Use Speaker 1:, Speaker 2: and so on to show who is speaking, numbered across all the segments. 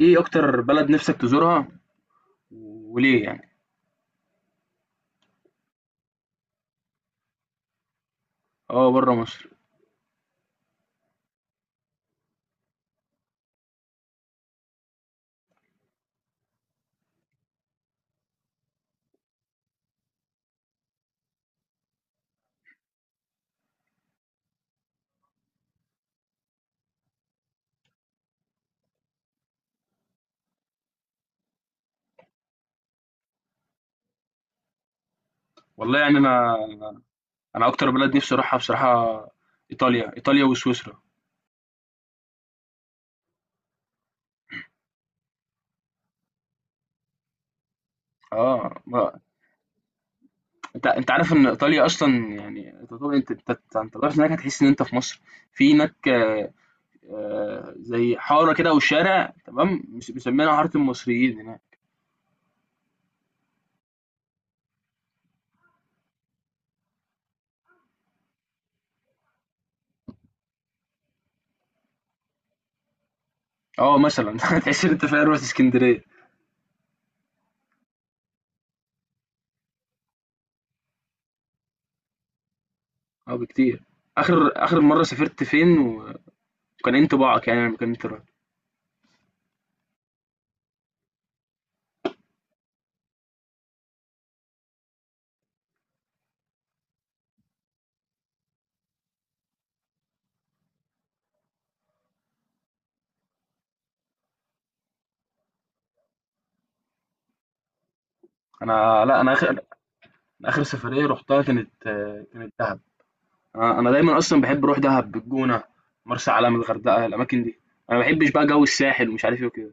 Speaker 1: ايه اكتر بلد نفسك تزورها وليه يعني؟ اه بره مصر. والله يعني انا، انا اكتر بلد نفسي اروحها بصراحه ايطاليا، ايطاليا وسويسرا. اه انت عارف ان ايطاليا اصلا يعني انت طبعا انت انت انت أنت لو رحت هناك هتحس ان انت في مصر. في هناك زي حاره كده او شارع، تمام، مسمينها حاره المصريين هناك. اه مثلا تحس ان انت في روح اسكندريه. اه بكتير. اخر مره سافرت فين وكان إيه انطباعك يعني لما كنت رايح؟ انا لا انا اخر أنا آخر سفرية رُحتها كانت كانت دهب، أنا دايمًا أصلًا باحب أروح دهب، الجونة، مرسى علم، الغردقة، الأماكن دي، أنا ما باحبش بقى جو الساحل ومش عارف إيه وكده.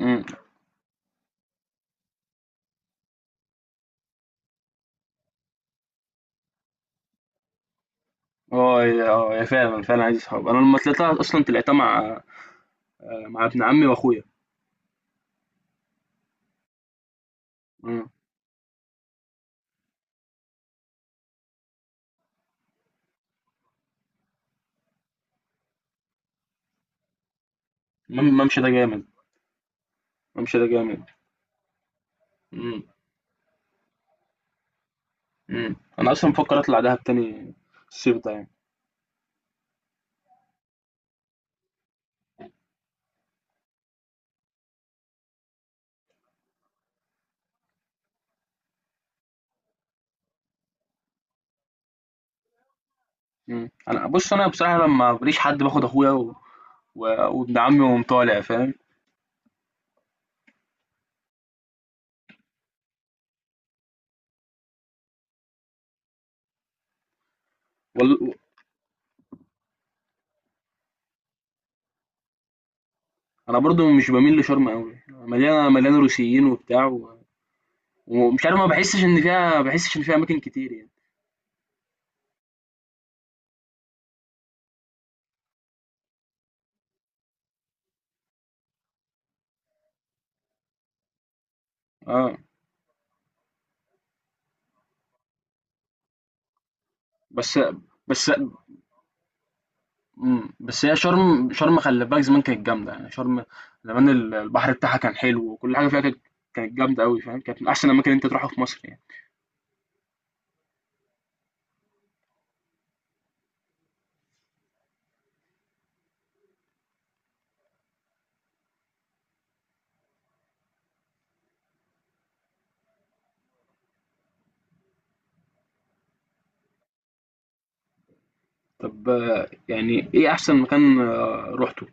Speaker 1: إمم، آه هي، آه هي فعلًا، فعلًا عايزة صحاب. أنا لمّا طلعتها أصلًا طلعتها مع مع ابن عمي وأخويا. إمم، ممشى ده جامد، ممشى ده جامد. إمم، إمم، أنا أصلًا بافكر أطلع دهب تاني الصيف ده يعني. إمم، أنا بُص، أنا بصراحة لمّا ما بالاقيش حد باخد أخويا و وابن عمي ونقوم طالع فاهم. وال انا برضو مش بميل لشرم قوي، مليانه، مليانه روسيين وبتاع و... ومش عارف، ما بحسش ان فيها، ما بحسش ان فيها اماكن كتير يعني. اه. بس بس مم. بس هي شرم، شرم خلي بالك زمان كانت جامده يعني. شرم زمان البحر بتاعها كان حلو وكل حاجه فيها كانت، كانت جامده قوي، فاهم، كانت من احسن الاماكن اللي انت تروحها في مصر يعني. طب يعني ايه احسن مكان روحته؟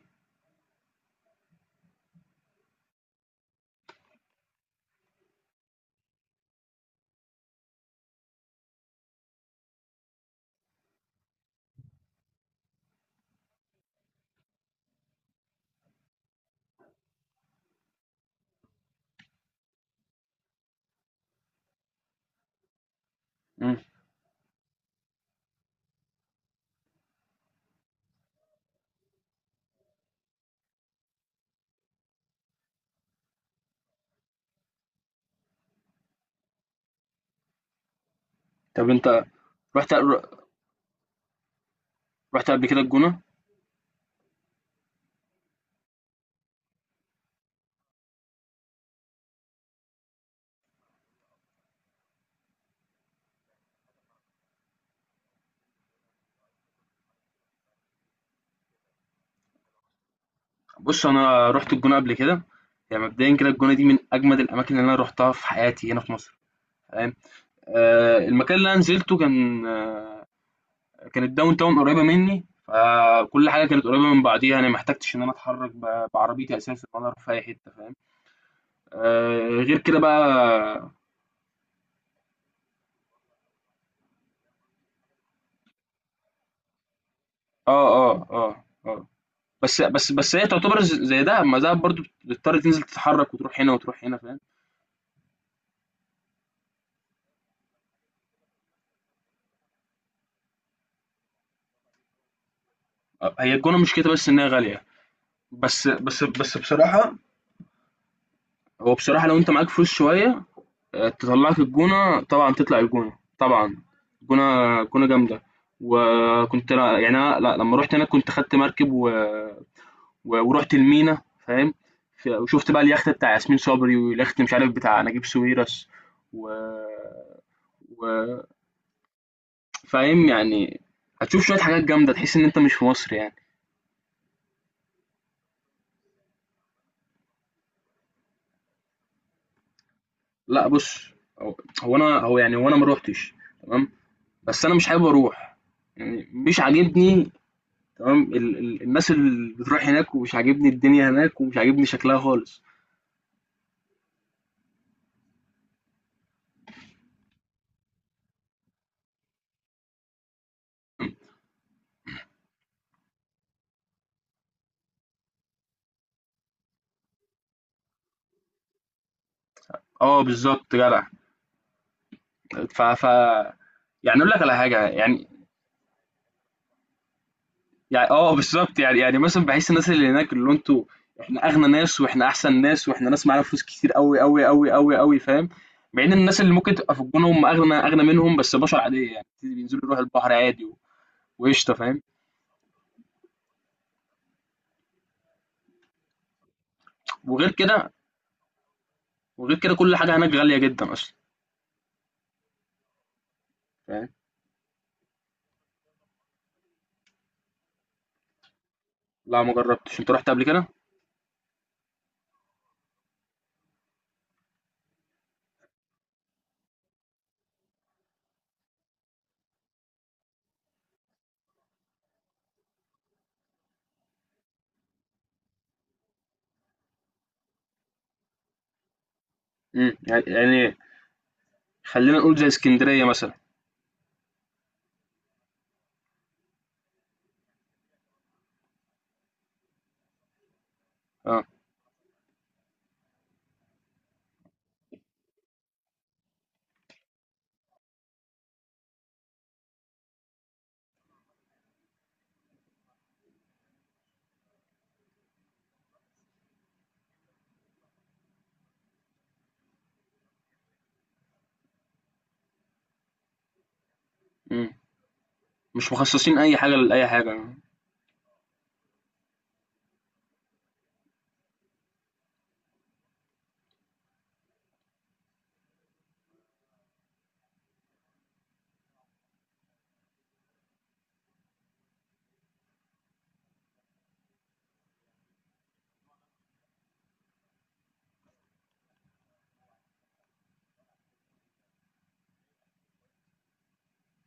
Speaker 1: مم. طب انت رحت، رحت قبل كده الجونه؟ بص انا رحت الجونه قبل كده. يعني مبدئيا كده الجونه دي من اجمد الاماكن اللي انا روحتها في حياتي هنا في مصر، تمام. المكان اللي انا نزلته كان كان الداون تاون قريبه مني، فكل حاجه كانت قريبه من بعضيها. انا ما احتجتش ان انا اتحرك بعربيتي اساسا ولا اروح في اي حته، فاهم. آه، غير كده بقى اه اه اه اه بس بس بس هي تعتبر زي دهب، ما دهب برضو بتضطر تنزل تتحرك وتروح هنا وتروح هنا، فاهم. هي الجونه مشكلتها بس انها غاليه. بس بس بس بصراحه، هو بصراحه لو انت معاك فلوس شويه، تطلعك الجونة. طبعا تطلع الجونة، طبعا. الجونة جامدة. وكنت يعني أنا لا لما رحت هناك كنت خدت مركب و... و... ورحت المينا، فاهم. وشفت بقى اليخت بتاع ياسمين صبري واليخت مش عارف بتاع نجيب ساويرس و... و... فاهم يعني. هتشوف شوية حاجات جامدة تحس إن أنت مش في مصر يعني. لا بص، هو هو أنا هو يعني هو أنا ما روحتش، تمام. بس أنا مش حابب أروح، يعني مش عاجبني، تمام. ال الناس اللي بتروح هناك، ومش عاجبني الدنيا هناك، ومش عاجبني شكلها خالص. اه بالظبط جدع. ف ف يعني اقول لك على حاجه يعني. يعني اه، بالظبط يعني، يعني مثلا بحس الناس اللي هناك، اللي انتوا، احنا اغنى ناس، واحنا احسن ناس، واحنا ناس معانا فلوس كتير قوي قوي قوي قوي قوي، فاهم. مع ان الناس اللي ممكن تبقى في الجونه هم اغنى، اغنى منهم، بس بشر عاديه يعني، بينزلوا يروحوا البحر عادي وقشطه، فاهم. وغير كده، وغير كده كل حاجه هناك غاليه جدا اصلا، فاهم. لا ما جربتش، انت رحت قبل كده؟ امم، يعني يعني خلّينا نقول زي إسكندرية مثلًا. آه. إمم، مش مخصّصين أي حاجة لأي حاجة.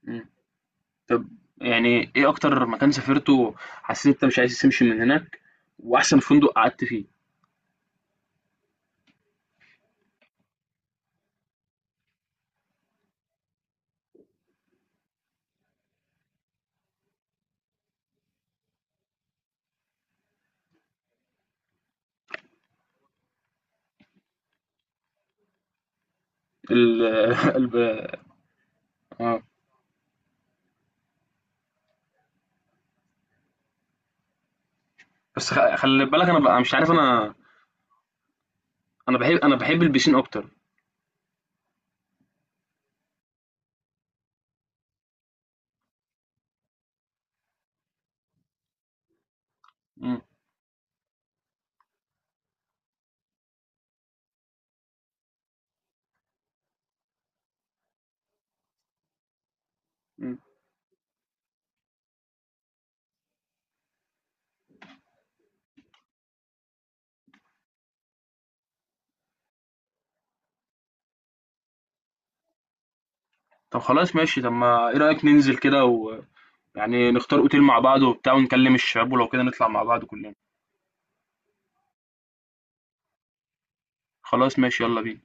Speaker 1: إمم. طب يعني إيه أكتر مكان سافرته حسّيت أنت مش عايز تمشي من هناك، وأحسن فندق قعدت فيه؟ ال الب آه. بس خلّي بالك أنا بقى مش عارف. أنا باحب البيسين أكتر. إمم، إمم. طب خلاص ماشي، طب ما إيه رأيك ننزل كده ويعني نختار أوتيل مع بعض وبتاع ونكلم الشباب ولو كده نطلع مع بعض كلّنا؟ خلاص ماشي، يالّا بينا.